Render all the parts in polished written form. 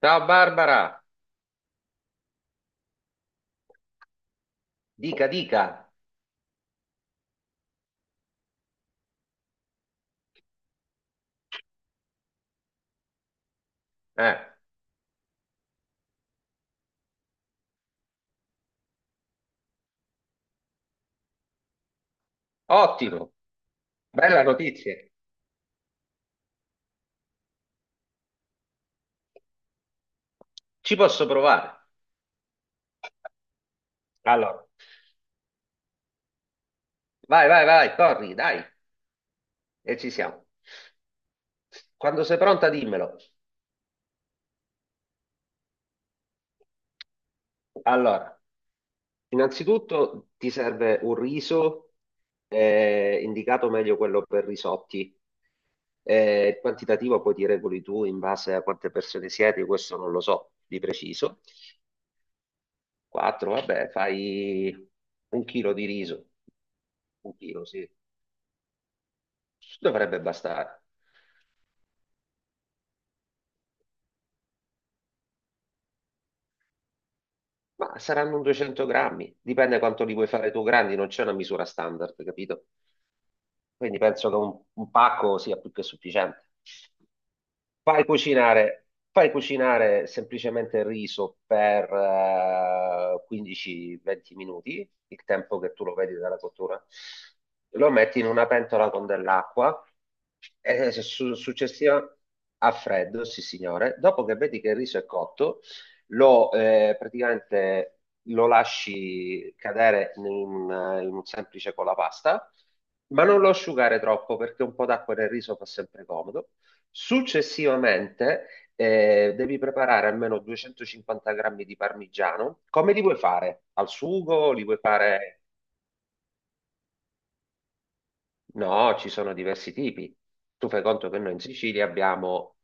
Ciao Barbara, dica, dica. Eh, Ottimo, bella notizia. Ci posso provare. Allora, vai, vai, vai, corri, dai, e ci siamo. Quando sei pronta, dimmelo. Allora, innanzitutto ti serve un riso, indicato meglio quello per risotti. Il quantitativo poi ti regoli tu in base a quante persone siete, questo non lo so di preciso. 4, vabbè, fai un chilo di riso. Un chilo, sì. Dovrebbe bastare. Ma saranno un 200 grammi, dipende quanto li vuoi fare tu grandi, non c'è una misura standard, capito? Quindi penso che un pacco sia più che sufficiente. Fai cucinare semplicemente il riso per 15-20 minuti, il tempo che tu lo vedi dalla cottura. Lo metti in una pentola con dell'acqua e successiva a freddo, sì signore. Dopo che vedi che il riso è cotto, lo praticamente lo lasci cadere in un semplice colapasta, ma non lo asciugare troppo perché un po' d'acqua nel riso fa sempre comodo. Successivamente devi preparare almeno 250 grammi di parmigiano. Come li vuoi fare? Al sugo? Li vuoi fare? No, ci sono diversi tipi. Tu fai conto che noi in Sicilia abbiamo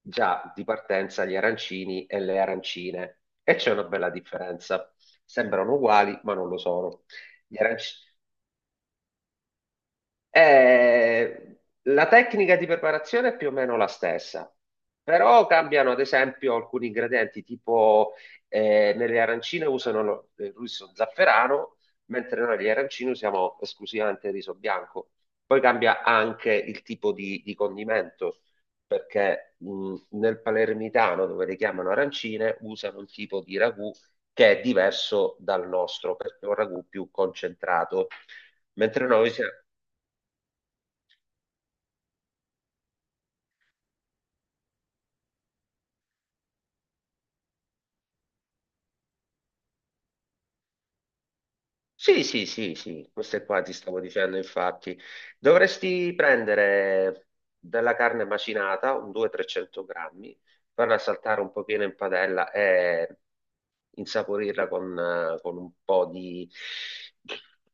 già di partenza gli arancini e le arancine e c'è una bella differenza. Sembrano uguali, ma non lo sono. Gli aranci- la tecnica di preparazione è più o meno la stessa, però cambiano ad esempio alcuni ingredienti, tipo nelle arancine usano il riso zafferano, mentre noi negli arancini usiamo esclusivamente il riso bianco. Poi cambia anche il tipo di condimento, perché nel palermitano, dove le chiamano arancine, usano un tipo di ragù che è diverso dal nostro, perché è un ragù più concentrato, mentre noi siamo... Sì, sì, sì, sì, queste qua ti stavo dicendo, infatti. Dovresti prendere della carne macinata, un 200-300 grammi, farla saltare un pochino in padella e insaporirla con un po' di,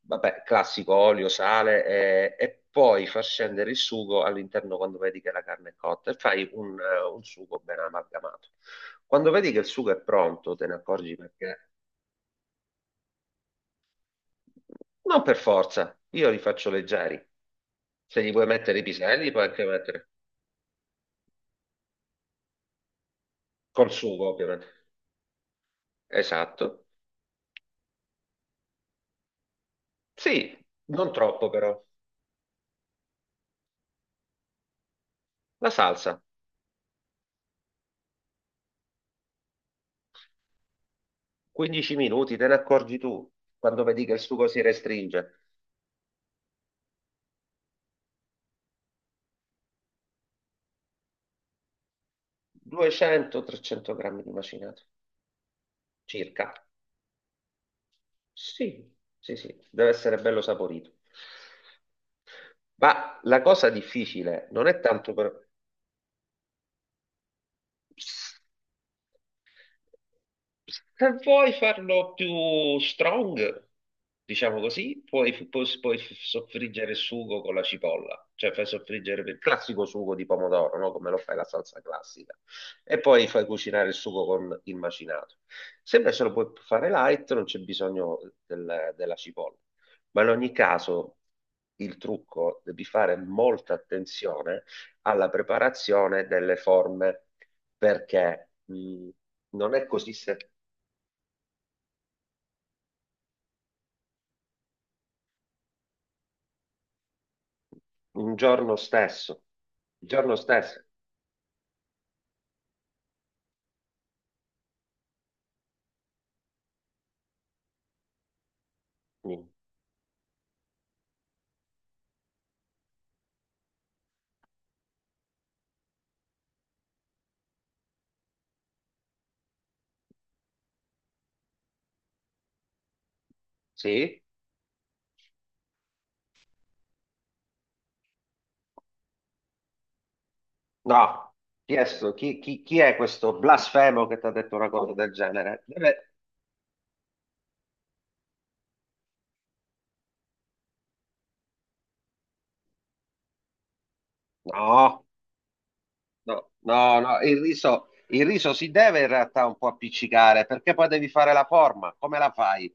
vabbè, classico olio, sale e poi far scendere il sugo all'interno quando vedi che la carne è cotta e fai un sugo ben amalgamato. Quando vedi che il sugo è pronto, te ne accorgi perché non per forza, io li faccio leggeri. Se gli vuoi mettere i piselli, puoi anche mettere col sugo, ovviamente. Esatto. Sì, non troppo però. La salsa, 15 minuti, te ne accorgi tu quando vedi che il sugo si restringe. 200-300 grammi di macinato, circa. Sì, sì, sì, deve essere bello saporito. Ma la cosa difficile non è tanto per... Se vuoi farlo più strong, diciamo così, puoi soffriggere il sugo con la cipolla, cioè fai soffriggere il classico sugo di pomodoro, no? Come lo fai la salsa classica, e poi fai cucinare il sugo con il macinato. Se invece lo puoi fare light, non c'è bisogno della cipolla. Ma in ogni caso, il trucco, devi fare molta attenzione alla preparazione delle forme perché? Non è così se un giorno stesso, il giorno stesso. Mm. Sì? No, chi è, sto- chi- chi- chi è questo blasfemo che ti ha detto una cosa del genere? Deve- No, no, no, no, il riso si deve in realtà un po' appiccicare perché poi devi fare la forma. Come la fai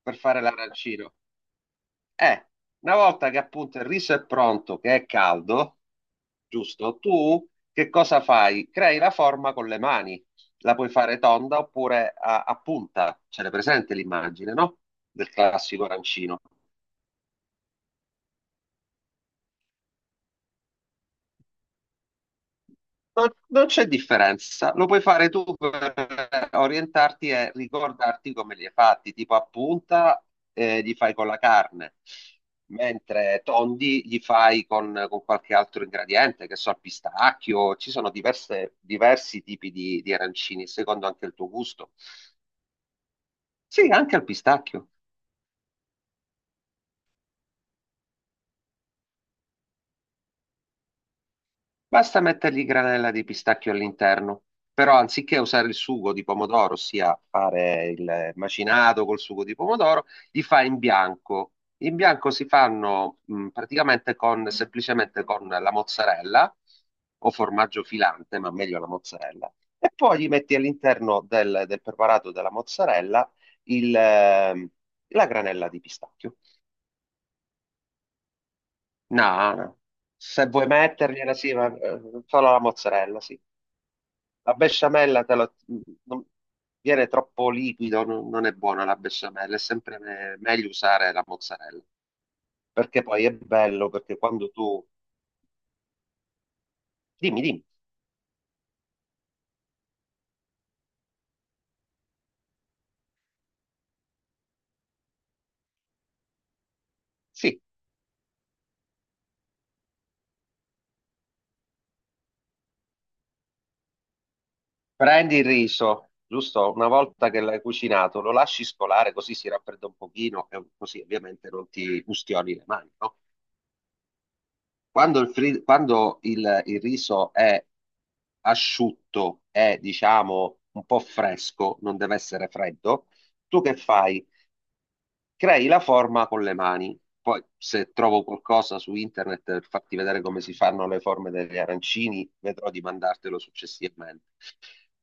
per fare l'arancino? Eh, una volta che appunto il riso è pronto, che è caldo, giusto? Tu che cosa fai? Crei la forma con le mani. La puoi fare tonda oppure a, a punta. Ce l'hai presente l'immagine, no? Del classico arancino. Non, non c'è differenza, lo puoi fare tu per orientarti e ricordarti come li hai fatti, tipo a punta li fai con la carne, mentre tondi li fai con qualche altro ingrediente, che so, al pistacchio, ci sono diversi tipi di arancini, secondo anche il tuo gusto. Sì, anche al pistacchio. Basta mettergli granella di pistacchio all'interno, però anziché usare il sugo di pomodoro, ossia fare il macinato col sugo di pomodoro, li fa in bianco. In bianco si fanno praticamente con, semplicemente con la mozzarella o formaggio filante, ma meglio la mozzarella. E poi gli metti all'interno del preparato della mozzarella il, ehm, la granella di pistacchio. No, no. Se vuoi mettergliela, sì, ma solo la mozzarella, sì. La besciamella te lo- non- Viene troppo liquido, non è buona la besciamella, è sempre meglio usare la mozzarella, perché poi è bello, perché quando tu... Dimmi, dimmi, sì, prendi il riso, giusto? Una volta che l'hai cucinato, lo lasci scolare così si raffredda un pochino e così ovviamente non ti ustioni le mani, no? Quando il riso è asciutto e diciamo un po' fresco, non deve essere freddo, tu che fai? Crei la forma con le mani. Poi, se trovo qualcosa su internet per farti vedere come si fanno le forme degli arancini, vedrò di mandartelo successivamente.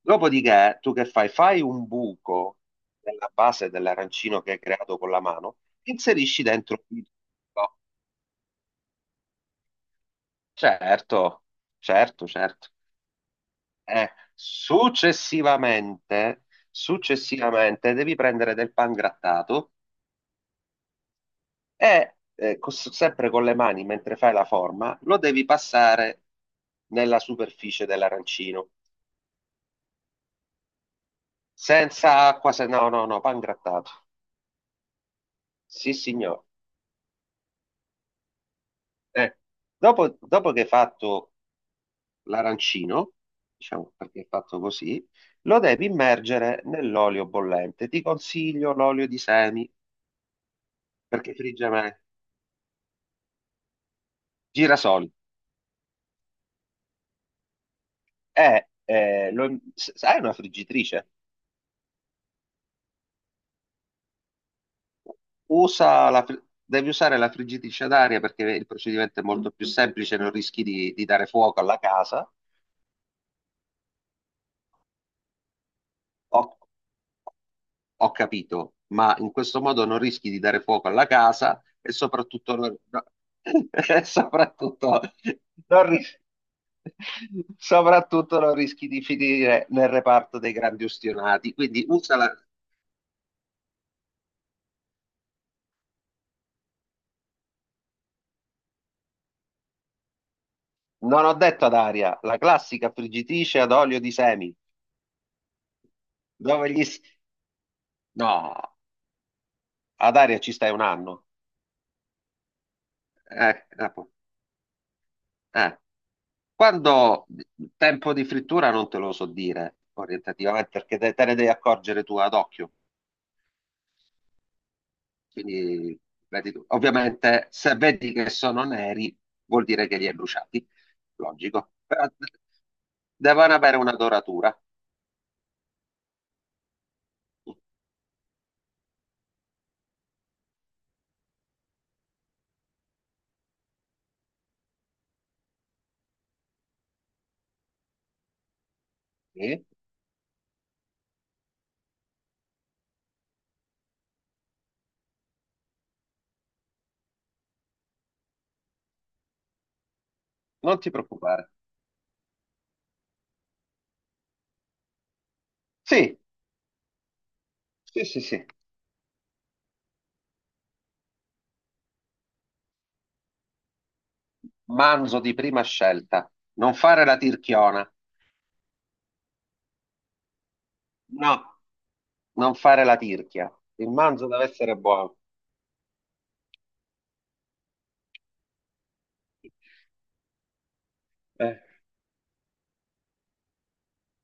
Dopodiché, tu che fai? Fai un buco nella base dell'arancino che hai creato con la mano, inserisci dentro il buco. Certo, certo, certo. Eh, successivamente, successivamente devi prendere del pan grattato e sempre con le mani mentre fai la forma, lo devi passare nella superficie dell'arancino. Senza acqua, se no, no, no, pan grattato. Sì, signore. Eh, dopo che hai fatto l'arancino, diciamo perché è fatto così, lo devi immergere nell'olio bollente. Ti consiglio l'olio di semi perché frigge meglio. Girasoli. Sai una friggitrice? Devi usare la friggitrice ad aria perché il procedimento è molto più semplice, non rischi di dare fuoco alla casa. Ho, ho capito, ma in questo modo non rischi di dare fuoco alla casa e soprattutto non, no- e soprattutto non ris- soprattutto non rischi di finire nel reparto dei grandi ustionati. Quindi usa la, non ho detto ad aria, la classica friggitrice ad olio di semi. dove gli... s- No, ad aria ci stai un anno. Capo, eh. Quando tempo di frittura non te lo so dire orientativamente perché te ne devi accorgere tu ad occhio. Quindi, vedi tu. Ovviamente, se vedi che sono neri, vuol dire che li hai bruciati. Logico. Però devono avere una doratura. Sì. Non ti preoccupare. Sì, sì, sì, sì. Manzo di prima scelta. Non fare la tirchiona. No, non fare la tirchia. Il manzo deve essere buono. Eh.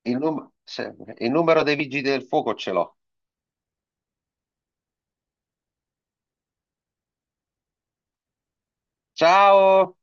Sempre. Il numero dei vigili del fuoco ce l'ho. Ciao!